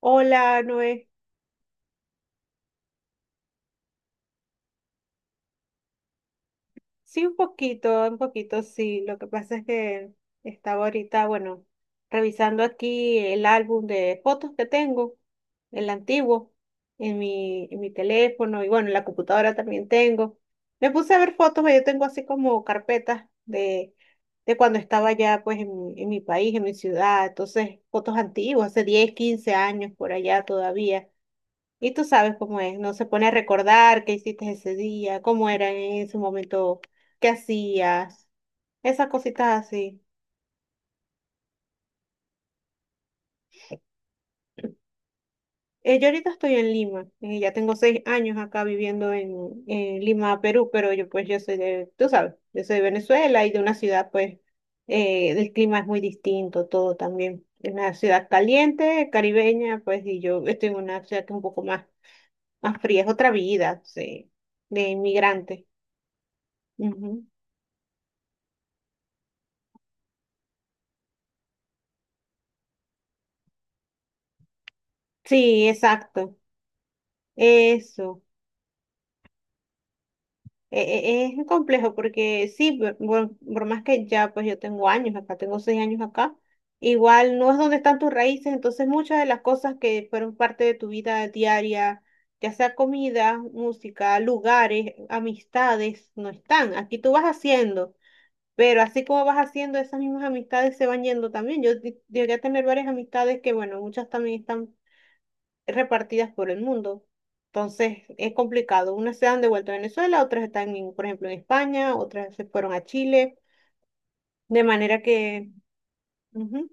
Hola, Noé. Sí, un poquito, sí. Lo que pasa es que estaba ahorita, bueno, revisando aquí el álbum de fotos que tengo, el antiguo, en mi teléfono y bueno, en la computadora también tengo. Me puse a ver fotos, yo tengo así como carpetas de cuando estaba ya pues en mi país, en mi ciudad. Entonces, fotos antiguas, hace 10, 15 años por allá todavía. Y tú sabes cómo es, no se pone a recordar qué hiciste ese día, cómo era en ese momento, qué hacías, esas cositas así. Yo ahorita estoy en Lima, ya tengo 6 años acá viviendo en Lima, Perú, pero yo pues yo soy de, tú sabes, yo soy de Venezuela y de una ciudad pues el clima es muy distinto, todo también. Es una ciudad caliente, caribeña, pues y yo estoy en una ciudad que es un poco más, fría, es otra vida, sí, de inmigrante. Ujú. Sí, exacto. Eso, e- es complejo porque sí, más que ya pues yo tengo años acá, tengo 6 años acá, igual no es donde están tus raíces, entonces muchas de las cosas que fueron parte de tu vida diaria, ya sea comida, música, lugares, amistades, no están. Aquí tú vas haciendo, pero así como vas haciendo, esas mismas amistades se van yendo también. Llegué a tener varias amistades que, bueno, muchas también están repartidas por el mundo. Entonces es complicado. Unas se han devuelto a Venezuela, otras están, en, por ejemplo, en España, otras se fueron a Chile. De manera que ujú.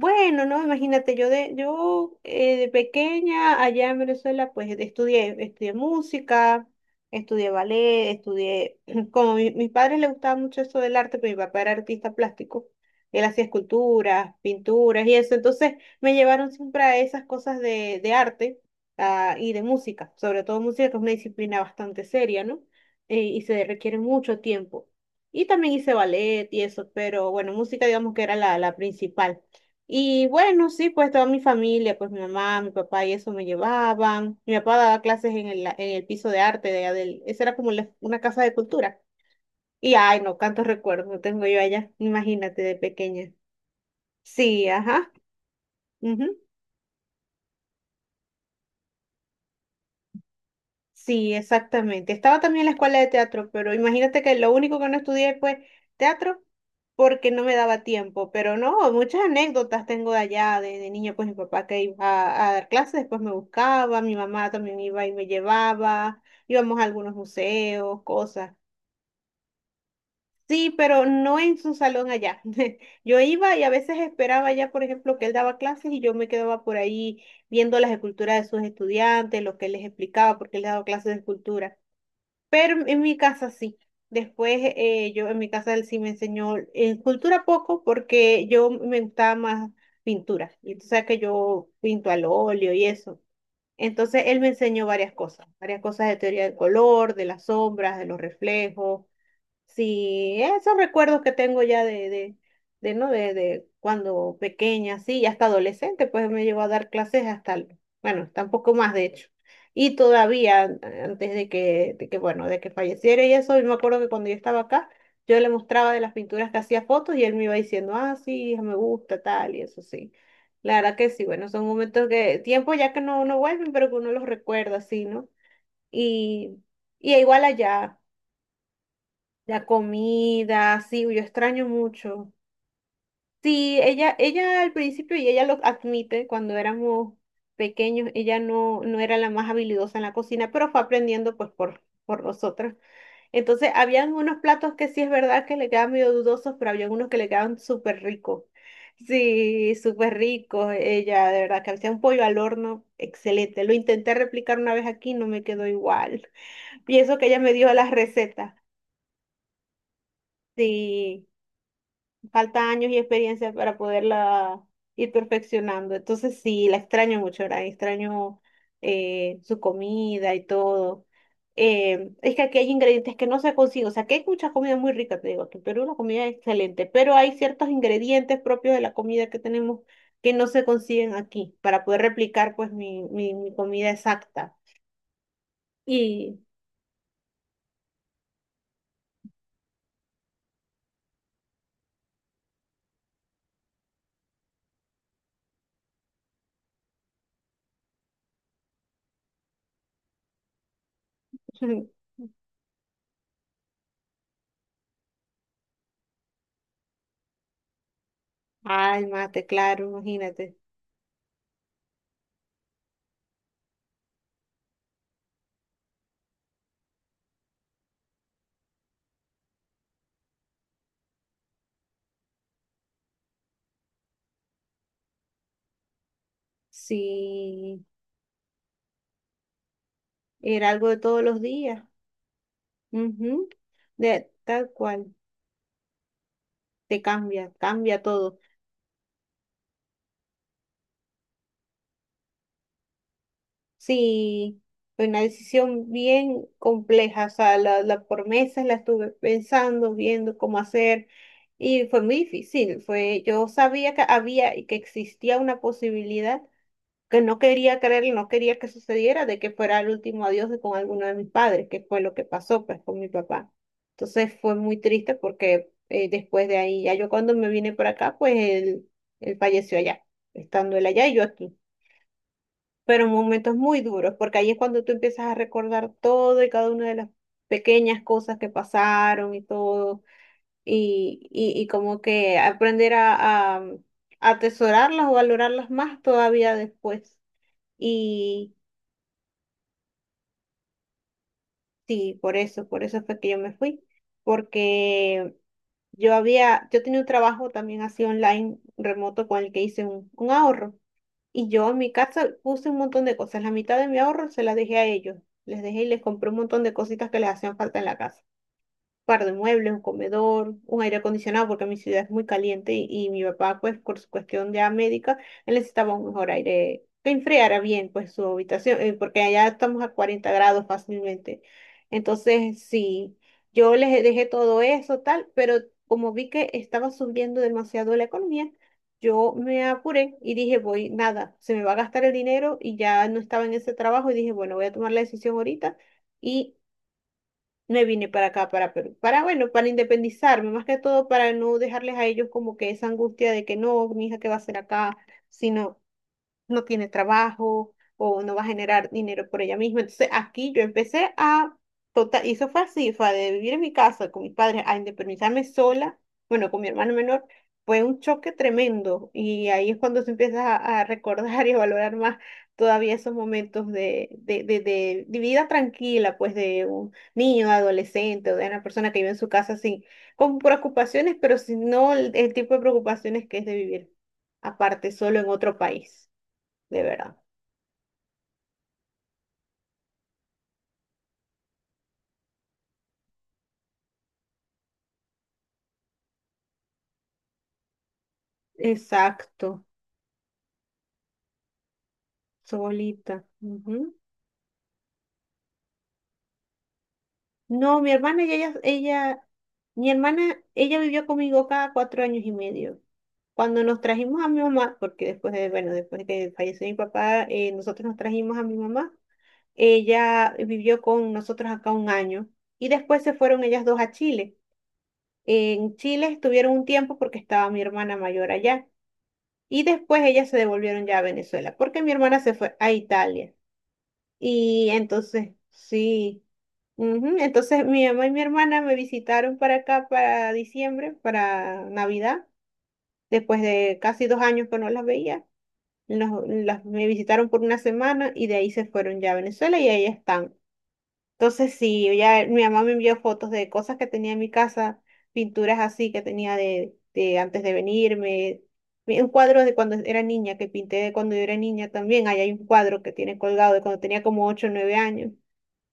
Bueno, no, imagínate, yo de pequeña allá en Venezuela, pues estudié, música, estudié ballet, estudié, como mis padres les gustaba mucho eso del arte, pero mi papá era artista plástico, él hacía esculturas, pinturas y eso, entonces me llevaron siempre a esas cosas de arte, ah, y de música, sobre todo música, que es una disciplina bastante seria, ¿no? Y se requiere mucho tiempo. Y también hice ballet y eso, pero bueno, música digamos que era la principal. Y bueno, sí, pues toda mi familia, pues mi mamá, mi papá y eso me llevaban. Mi papá daba clases en el piso de arte de allá del, esa era como una casa de cultura. Y ay, no, tantos recuerdos tengo yo allá, imagínate de pequeña. Sí, ajá. Sí, exactamente. Estaba también en la escuela de teatro, pero imagínate que lo único que no estudié fue teatro porque no me daba tiempo. Pero no, muchas anécdotas tengo de allá, de niña, pues mi papá que iba a dar clases, después me buscaba, mi mamá también iba y me llevaba, íbamos a algunos museos, cosas. Sí, pero no en su salón allá. Yo iba y a veces esperaba ya, por ejemplo, que él daba clases y yo me quedaba por ahí viendo las esculturas de sus estudiantes, lo que él les explicaba, porque él daba clases de escultura. Pero en mi casa sí. Después yo en mi casa él sí me enseñó en cultura poco porque yo me gustaba más pintura. Y tú sabes que yo pinto al óleo y eso. Entonces él me enseñó varias cosas de teoría del color, de las sombras, de los reflejos, sí, esos recuerdos que tengo ya ¿no? De cuando pequeña, sí, y hasta adolescente, pues me llevó a dar clases hasta, bueno, tampoco más de hecho. Y todavía, antes bueno, de que falleciera y eso, yo me acuerdo que cuando yo estaba acá, yo le mostraba de las pinturas que hacía fotos y él me iba diciendo, ah, sí, hija, me gusta, tal, y eso sí. La verdad que sí, bueno, son momentos que, tiempo ya que no vuelven, pero que uno los recuerda, sí, ¿no? Y, y igual allá. La comida, sí, yo extraño mucho. Sí, ella al principio, y ella lo admite, cuando éramos pequeños, ella no era la más habilidosa en la cocina, pero fue aprendiendo pues por nosotros. Entonces, habían unos platos que sí es verdad que le quedaban medio dudosos, pero había unos que le quedaban súper ricos. Sí, súper ricos. Ella, de verdad, que hacía un pollo al horno, excelente. Lo intenté replicar una vez aquí, no me quedó igual. Y eso que ella me dio las recetas. Sí. Falta años y experiencia para poderla ir perfeccionando. Entonces sí, la extraño mucho, ¿verdad? Extraño su comida y todo. Es que aquí hay ingredientes que no se consiguen. O sea, que hay muchas comidas muy ricas, te digo, aquí en Perú la comida es excelente, pero hay ciertos ingredientes propios de la comida que tenemos que no se consiguen aquí para poder replicar pues mi comida exacta. Y, ay, mate, claro, imagínate. Sí, era algo de todos los días. Ujú. Tal cual, te cambia, cambia todo. Sí, fue una decisión bien compleja, o sea, la por meses la estuve pensando, viendo cómo hacer, y fue muy difícil, fue, yo sabía que había y que existía una posibilidad, que no quería creer y no quería que sucediera de que fuera el último adiós de con alguno de mis padres, que fue lo que pasó pues con mi papá. Entonces fue muy triste porque después de ahí, ya yo cuando me vine para acá, pues él falleció allá, estando él allá y yo aquí. Pero momentos muy duros, porque ahí es cuando tú empiezas a recordar todo y cada una de las pequeñas cosas que pasaron y todo, y como que aprender a, a atesorarlas o valorarlas más todavía después. Y, Sí, por eso fue que yo me fui, porque yo había, yo tenía un trabajo también así online, remoto, con el que hice un ahorro. Y yo en mi casa puse un montón de cosas, la mitad de mi ahorro se la dejé a ellos, les les les y les compré un montón de cositas que les hacían falta en la casa, par de muebles, un comedor, un aire acondicionado, porque mi ciudad es muy caliente y mi papá, pues, por su cuestión de médica, él necesitaba un mejor aire que enfriara bien, pues, su habitación, porque allá estamos a 40 grados fácilmente. Entonces, sí, yo les dejé todo eso, tal, pero como vi que estaba subiendo demasiado la economía, yo me apuré y dije, voy, nada, se me va a gastar el dinero y ya no estaba en ese trabajo y dije, bueno, voy a tomar la decisión ahorita y me vine para acá, para Perú, para, bueno, para independizarme, más que todo para no dejarles a ellos como que esa angustia de que no, mi hija, ¿qué va a hacer acá? Sino no tiene trabajo o no va a generar dinero por ella misma. Entonces aquí yo empecé a, total, y eso fue así, fue de vivir en mi casa con mis padres a independizarme sola, bueno, con mi hermano menor, fue un choque tremendo y ahí es cuando se empieza a recordar y a valorar más todavía esos momentos de vida tranquila, pues de un niño, adolescente o de una persona que vive en su casa sin, con preocupaciones, pero si no el tipo de preocupaciones que es de vivir aparte, solo en otro país de verdad. Exacto, solita. Ujú. No, mi hermana, ella vivió conmigo cada 4 años y medio. Cuando nos trajimos a mi mamá, porque después de que falleció mi papá, nosotros nos trajimos a mi mamá. Ella vivió con nosotros acá un año y después se fueron ellas dos a Chile. En Chile estuvieron un tiempo porque estaba mi hermana mayor allá y después ellas se devolvieron ya a Venezuela porque mi hermana se fue a Italia. Y entonces, sí. Ujú. Entonces mi mamá y mi hermana me visitaron para acá para diciembre, para Navidad, después de casi 2 años que no las veía. Nos- las, me visitaron por una semana y de ahí se fueron ya a Venezuela y ahí están. Entonces sí, ya mi mamá me envió fotos de cosas que tenía en mi casa, pinturas así que tenía de antes de venirme. Mi- Un cuadro de cuando era niña, que pinté de cuando yo era niña también. Ahí hay un cuadro que tiene colgado de cuando tenía como 8 o 9 años.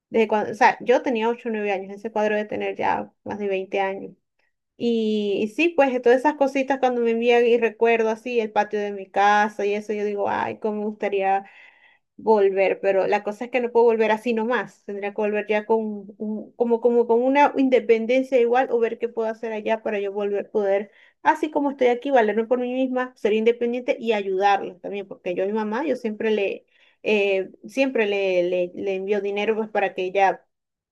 De cuando, o sea, yo tenía 8 o 9 años, ese cuadro de tener ya más de 20 años. Y sí, pues todas esas cositas cuando me envían y recuerdo así el patio de mi casa y eso, yo digo, ay, cómo me gustaría volver, pero la cosa es que no puedo volver así nomás, tendría que volver ya con un- como, como con una independencia igual o ver qué puedo hacer allá para yo volver, poder, así como estoy aquí, valerme por mí misma, ser independiente y ayudarlos también, porque yo a mi mamá, yo le envío dinero pues para que ella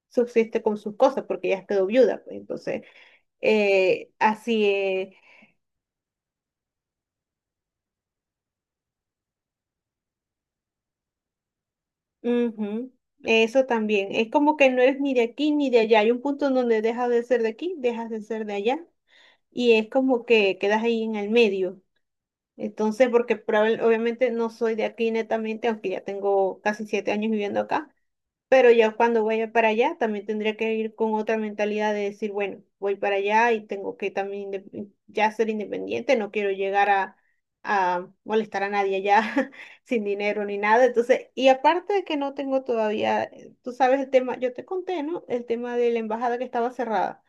subsiste con sus cosas porque ya quedó viuda, pues entonces, así es. Ujú. Eso también, es como que no eres ni de aquí ni de allá, hay un punto en donde dejas de ser de aquí, dejas de ser de allá y es como que quedas ahí en el medio. Entonces, porque probable- obviamente no soy de aquí netamente, aunque ya tengo casi 7 años viviendo acá, pero ya cuando vaya para allá, también tendría que ir con otra mentalidad de decir, bueno, voy para allá y tengo que también inde- ya ser independiente, no quiero llegar a, molestar a nadie allá sin dinero ni nada. Entonces, y aparte de que no tengo todavía, tú sabes el tema, yo te conté, ¿no? El tema de la embajada que estaba cerrada.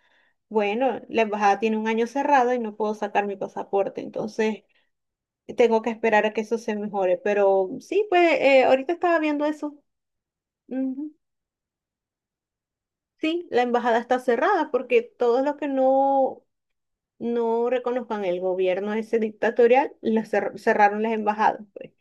Bueno, la embajada tiene un año cerrada y no puedo sacar mi pasaporte, entonces tengo que esperar a que eso se mejore. Pero sí, pues ahorita estaba viendo eso. Ujú. Sí, la embajada está cerrada porque todos los que no reconozcan el gobierno ese dictatorial, la cerraron las embajadas, pues.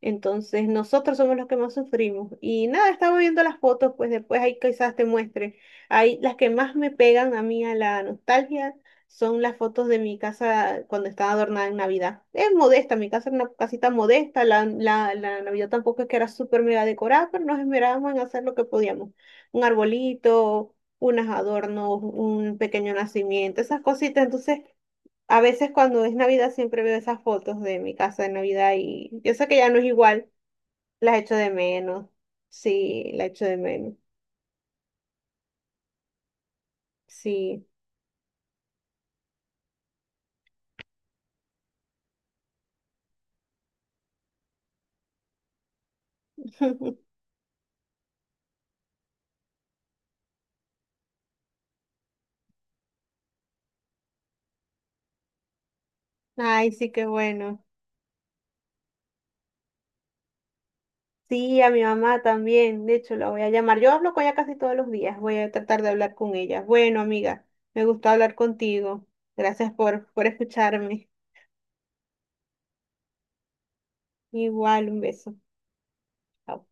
Entonces nosotros somos los que más sufrimos. Y nada, estaba viendo las fotos, pues después ahí quizás te muestre. Ahí las que más me pegan a mí a la nostalgia son las fotos de mi casa cuando estaba adornada en Navidad. Es modesta, mi casa era una casita modesta, la Navidad tampoco es que era súper mega decorada, pero nos esmerábamos en hacer lo que podíamos. Un arbolito, unos adornos, un pequeño nacimiento, esas cositas. Entonces, a veces cuando es Navidad siempre veo esas fotos de mi casa de Navidad y yo sé que ya no es igual, las echo de menos. Sí, la echo de menos. Sí. Ay, sí, qué bueno. Sí, a mi mamá también. De hecho, la voy a llamar. Yo hablo con ella casi todos los días. Voy a tratar de hablar con ella. Bueno, amiga, me gustó hablar contigo. Gracias por escucharme. Igual, un beso. Chao.